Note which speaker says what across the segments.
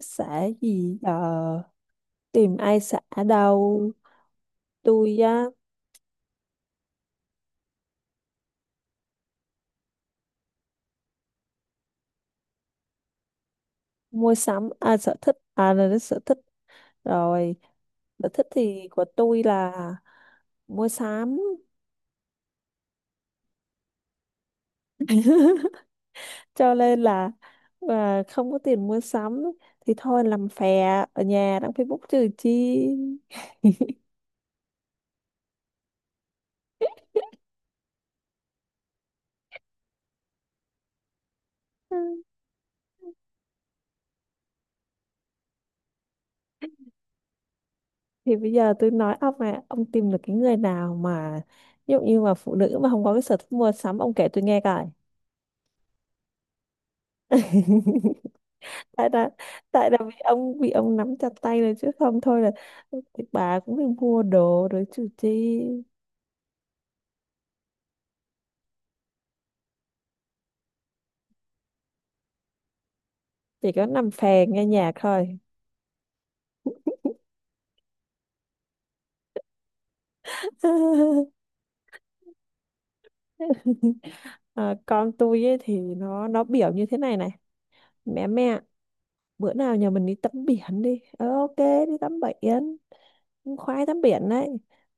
Speaker 1: Xã gì giờ, tìm ai xã, đâu tôi á. Mua sắm à, sở thích à, là đến sở thích rồi. Sở thích thì của tôi là mua sắm. Cho nên là, không có tiền mua sắm thì thôi làm phè, ở nhà đăng Facebook trừ chi. Thì bây giờ tôi nói ông, mà ông tìm được cái người nào mà, ví dụ như mà phụ nữ mà không có cái sở thích mua sắm, ông kể tôi nghe coi. tại là tại là vì ông bị, ông nắm chặt tay rồi chứ không thôi là thì bà cũng đi mua đồ rồi chứ chi. Chỉ có nằm phè nghe nhạc thôi. Con tôi ấy thì nó biểu như thế này này: mẹ, mẹ, bữa nào nhà mình đi tắm biển đi, ok, đi tắm biển, khoái tắm biển đấy.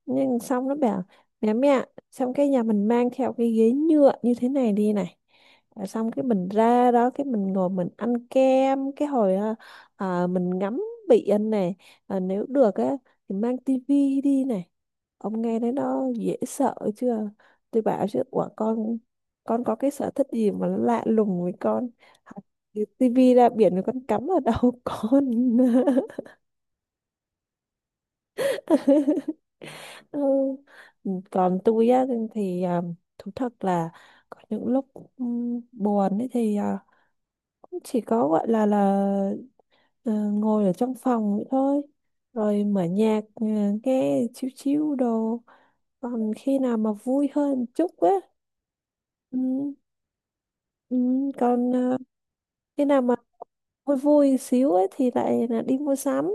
Speaker 1: Nhưng xong nó bảo: mẹ, mẹ, xong cái nhà mình mang theo cái ghế nhựa như thế này đi này. Xong cái mình ra đó, cái mình ngồi mình ăn kem cái hồi mình ngắm biển này. Nếu được á thì mang tivi đi này. Ông nghe thấy nó dễ sợ chưa? Tôi bảo chứ: ủa con có cái sở thích gì mà nó lạ lùng với con, tivi ra biển rồi con cắm ở đầu con? Ừ. Còn tôi á thì thú thật là có những lúc buồn ấy thì cũng chỉ có gọi là ngồi ở trong phòng vậy thôi, rồi mở nhạc, nghe chiếu chiếu đồ. Còn khi nào mà vui hơn một chút á, ừm, còn khi nào mà vui vui xíu ấy thì lại là đi mua sắm.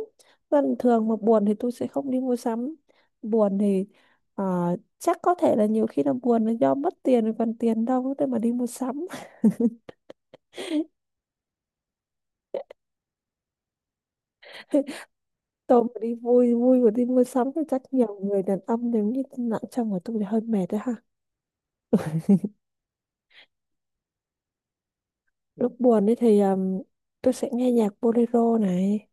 Speaker 1: Còn thường mà buồn thì tôi sẽ không đi mua sắm. Buồn thì, ờ, chắc có thể là nhiều khi là buồn là do mất tiền, rồi còn tiền đâu để mà đi mua sắm. Tôi mà đi vui vui mà đi mua sắm thì chắc nhiều người đàn ông nếu như nặng trong của tôi thì hơi mệt đấy ha. Lúc buồn ấy thì, tôi sẽ nghe nhạc bolero này,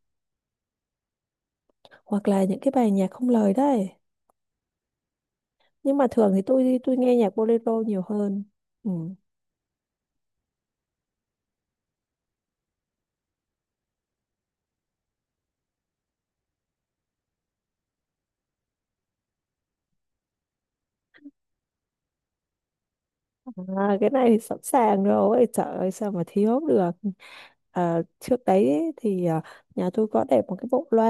Speaker 1: hoặc là những cái bài nhạc không lời đấy. Nhưng mà thường thì tôi nghe nhạc bolero nhiều hơn. Ừ. À, cái này thì sẵn sàng rồi, trời ơi sao mà thiếu được. À, trước đấy ấy, thì nhà tôi có để một cái bộ loa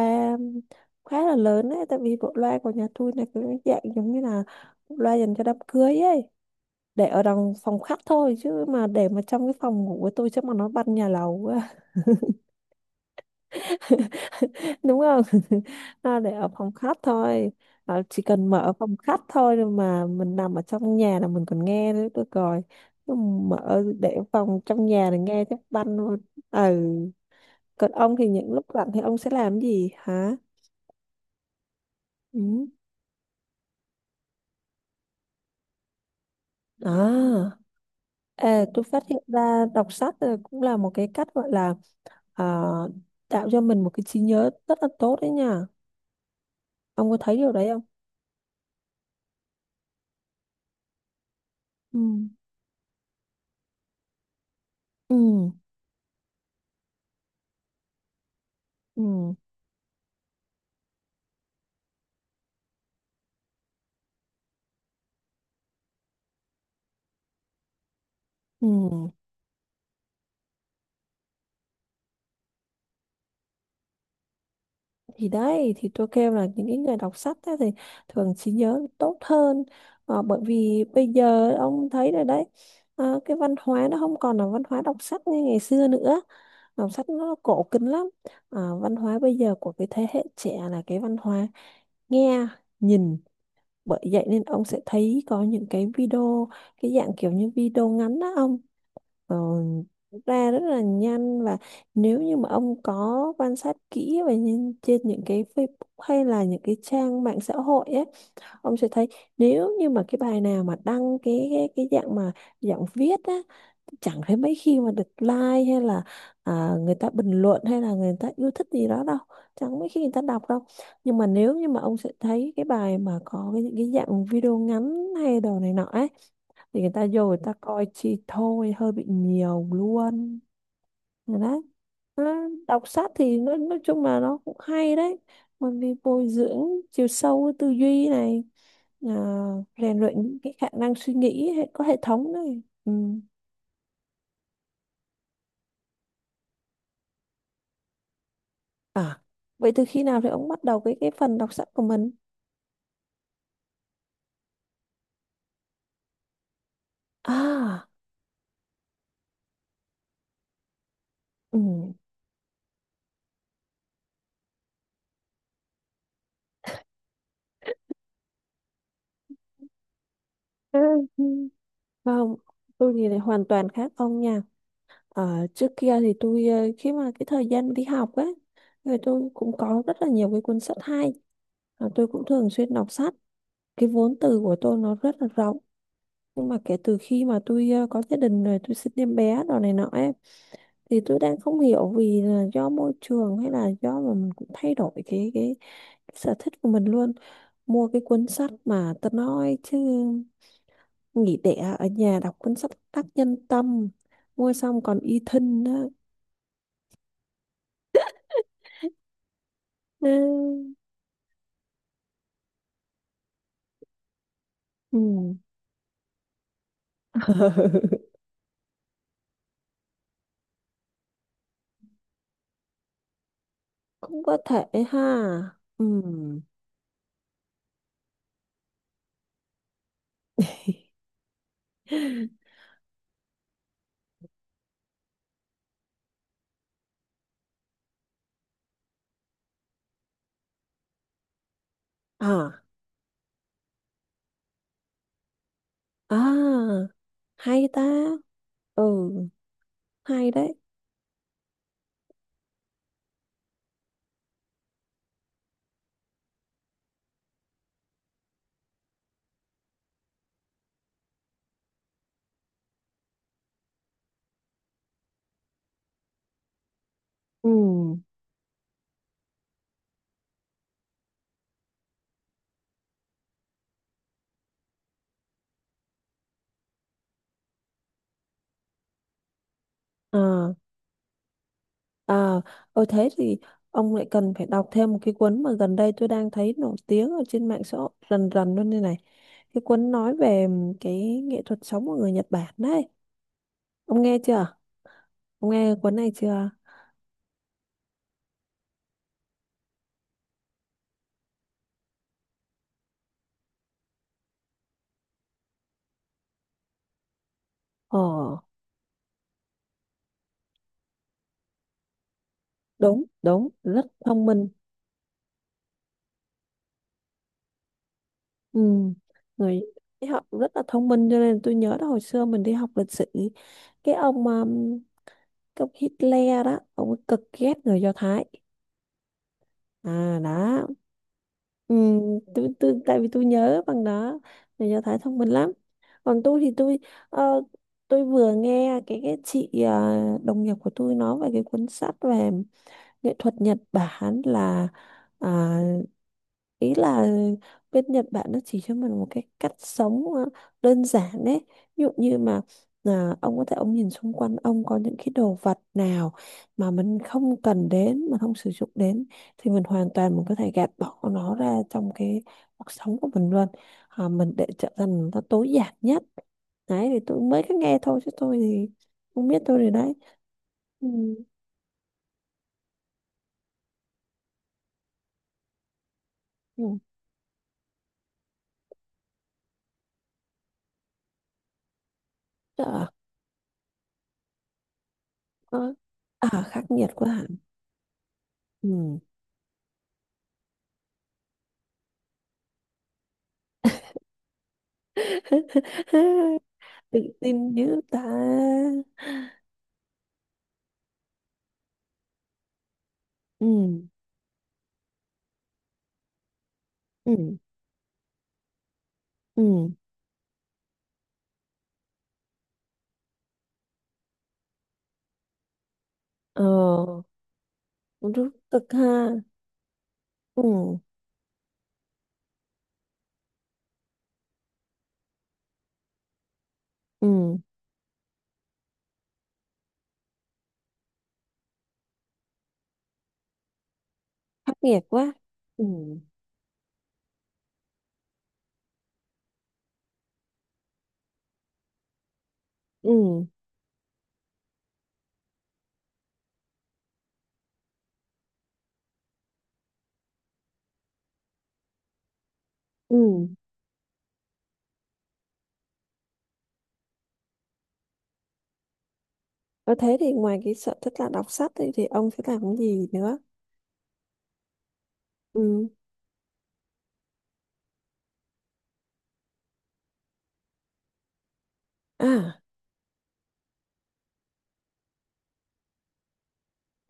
Speaker 1: khá là lớn đấy, tại vì bộ loa của nhà tôi là cái dạng giống như là bộ loa dành cho đám cưới ấy, để ở trong phòng khách thôi, chứ mà để mà trong cái phòng ngủ của tôi chắc mà nó bắn nhà lầu, đúng không? Để ở phòng khách thôi, chỉ cần mở phòng khách thôi rồi mà mình nằm ở trong nhà là mình còn nghe nữa tôi coi. Chứ mở để phòng trong nhà là nghe chắc banh luôn. Ừ. Còn ông thì những lúc rảnh thì ông sẽ làm gì hả? Ừ. à Ê, tôi phát hiện ra đọc sách là cũng là một cái cách gọi là, à, tạo cho mình một cái trí nhớ rất là tốt đấy nha. Ông có thấy điều đấy không? Ừ. Ừ, ừ, ừ, thì đấy thì tôi kêu là những cái người đọc sách á thì thường trí nhớ tốt hơn. Bởi vì bây giờ ông thấy rồi đấy, cái văn hóa nó không còn là văn hóa đọc sách như ngày xưa nữa, đọc sách nó cổ kính lắm. Văn hóa bây giờ của cái thế hệ trẻ là cái văn hóa nghe, nhìn. Bởi vậy nên ông sẽ thấy có những cái video, cái dạng kiểu như video ngắn đó ông, ờ, ra rất là nhanh. Và nếu như mà ông có quan sát kỹ và nhìn trên những cái Facebook hay là những cái trang mạng xã hội ấy, ông sẽ thấy nếu như mà cái bài nào mà đăng cái dạng viết á, chẳng thấy mấy khi mà được like hay là, người ta bình luận hay là người ta yêu thích gì đó đâu, chẳng mấy khi người ta đọc đâu. Nhưng mà nếu như mà ông sẽ thấy cái bài mà có những cái dạng video ngắn hay đồ này nọ ấy thì người ta vô người ta coi chi thôi, hơi bị nhiều luôn. Rồi đấy. Nó đọc sách thì nó, nói chung là nó cũng hay đấy, bởi vì bồi dưỡng chiều sâu tư duy này, à, rèn luyện những cái khả năng suy nghĩ có hệ thống này. Ừ. à Vậy từ khi nào thì ông bắt đầu cái phần đọc sách của mình? À. Ừ. Ừ. Không, tôi thì lại hoàn toàn khác ông nha. Ờ, trước kia thì khi mà cái thời gian đi học ấy, người tôi cũng có rất là nhiều cái cuốn sách hay, và tôi cũng thường xuyên đọc sách, cái vốn từ của tôi nó rất là rộng. Nhưng mà kể từ khi mà tôi, có gia đình rồi tôi sinh em bé đồ này nọ ấy, thì tôi đang không hiểu vì là do môi trường hay là do mà mình cũng thay đổi cái cái sở thích của mình luôn. Mua cái cuốn sách mà tao nói chứ, nghỉ đẻ ở nhà đọc cuốn sách tác nhân tâm, mua xong còn y thân đó. Ừ. Ừ. Cũng có thể ha. Ừm. À, à, hay ta. Ừ, hay đấy. Ừ. À, à. Thế thì ông lại cần phải đọc thêm một cái cuốn mà gần đây tôi đang thấy nổi tiếng ở trên mạng xã hội rần rần luôn đây này, cái cuốn nói về cái nghệ thuật sống của người Nhật Bản đấy. Ông nghe chưa? Ông nghe cuốn này chưa? ờ Đúng, đúng, rất thông minh. Ừ. Người ấy họ rất là thông minh, cho nên tôi nhớ là hồi xưa mình đi học lịch sử, cái ông um, cái ông Hitler đó ông ấy cực ghét người Do Thái. À, đó. Ừ, tại vì tôi nhớ bằng đó, người Do Thái thông minh lắm. Còn tôi thì ờ, tôi vừa nghe cái chị, đồng nghiệp của tôi nói về cái cuốn sách về nghệ thuật Nhật Bản, à, ý là bên Nhật Bản nó chỉ cho mình một cái cách sống, đơn giản đấy. Ví dụ như mà, ông có thể ông nhìn xung quanh ông có những cái đồ vật nào mà mình không cần đến, mình không sử dụng đến thì mình hoàn toàn mình có thể gạt bỏ nó ra trong cái cuộc sống của mình luôn. Mình để trở thành nó tối giản nhất đấy thì tôi mới có nghe thôi, chứ tôi thì không biết tôi rồi đấy. Ừ. Ừ. Ờ. Ờ. À, khắc nghiệt quá hả? Ừ. Tự tin dữ ta. Ừ, ừ, ừ. ờ Rút cực ha. Ừ, ừ. Khắc nghiệt quá. Ừ, ừ, ừ. Và thế thì ngoài cái sở thích là đọc sách thì, ông sẽ làm cái gì nữa? Ừ. À.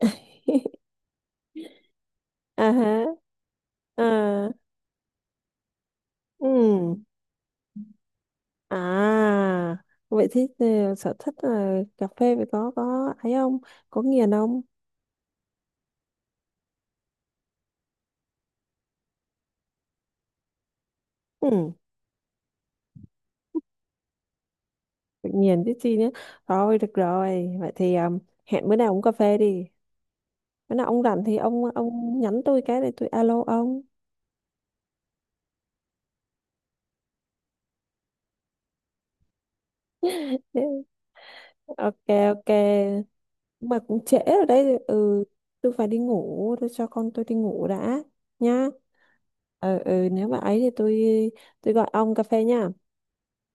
Speaker 1: À hả? À. Ừ. À, vậy thì, sở thích là cà phê phải có ấy không? Có nghiền không? Ừ. Tự nhiên tí chi nhé. Thôi được rồi, vậy thì, hẹn bữa nào uống cà phê đi. Bữa nào ông rảnh thì ông nhắn tôi cái để tôi alo ông. Thế- ok, ok, mà cũng trễ rồi đấy. Ừ, tôi phải đi ngủ, tôi cho con tôi đi ngủ đã nhá. Ừ, ừ, nếu mà ấy thì tôi gọi ông cà phê nha.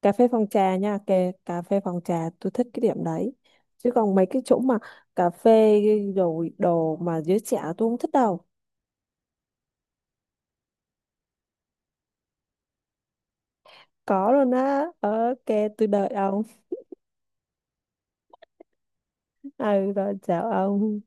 Speaker 1: Cà phê phòng trà nha, kề cà phê phòng trà tôi thích cái điểm đấy. Chứ còn mấy cái chỗ mà cà phê rồi đồ mà giới trẻ tôi không thích đâu. Có luôn á? Ok, tôi đợi ông. Ừ, rồi chào ông.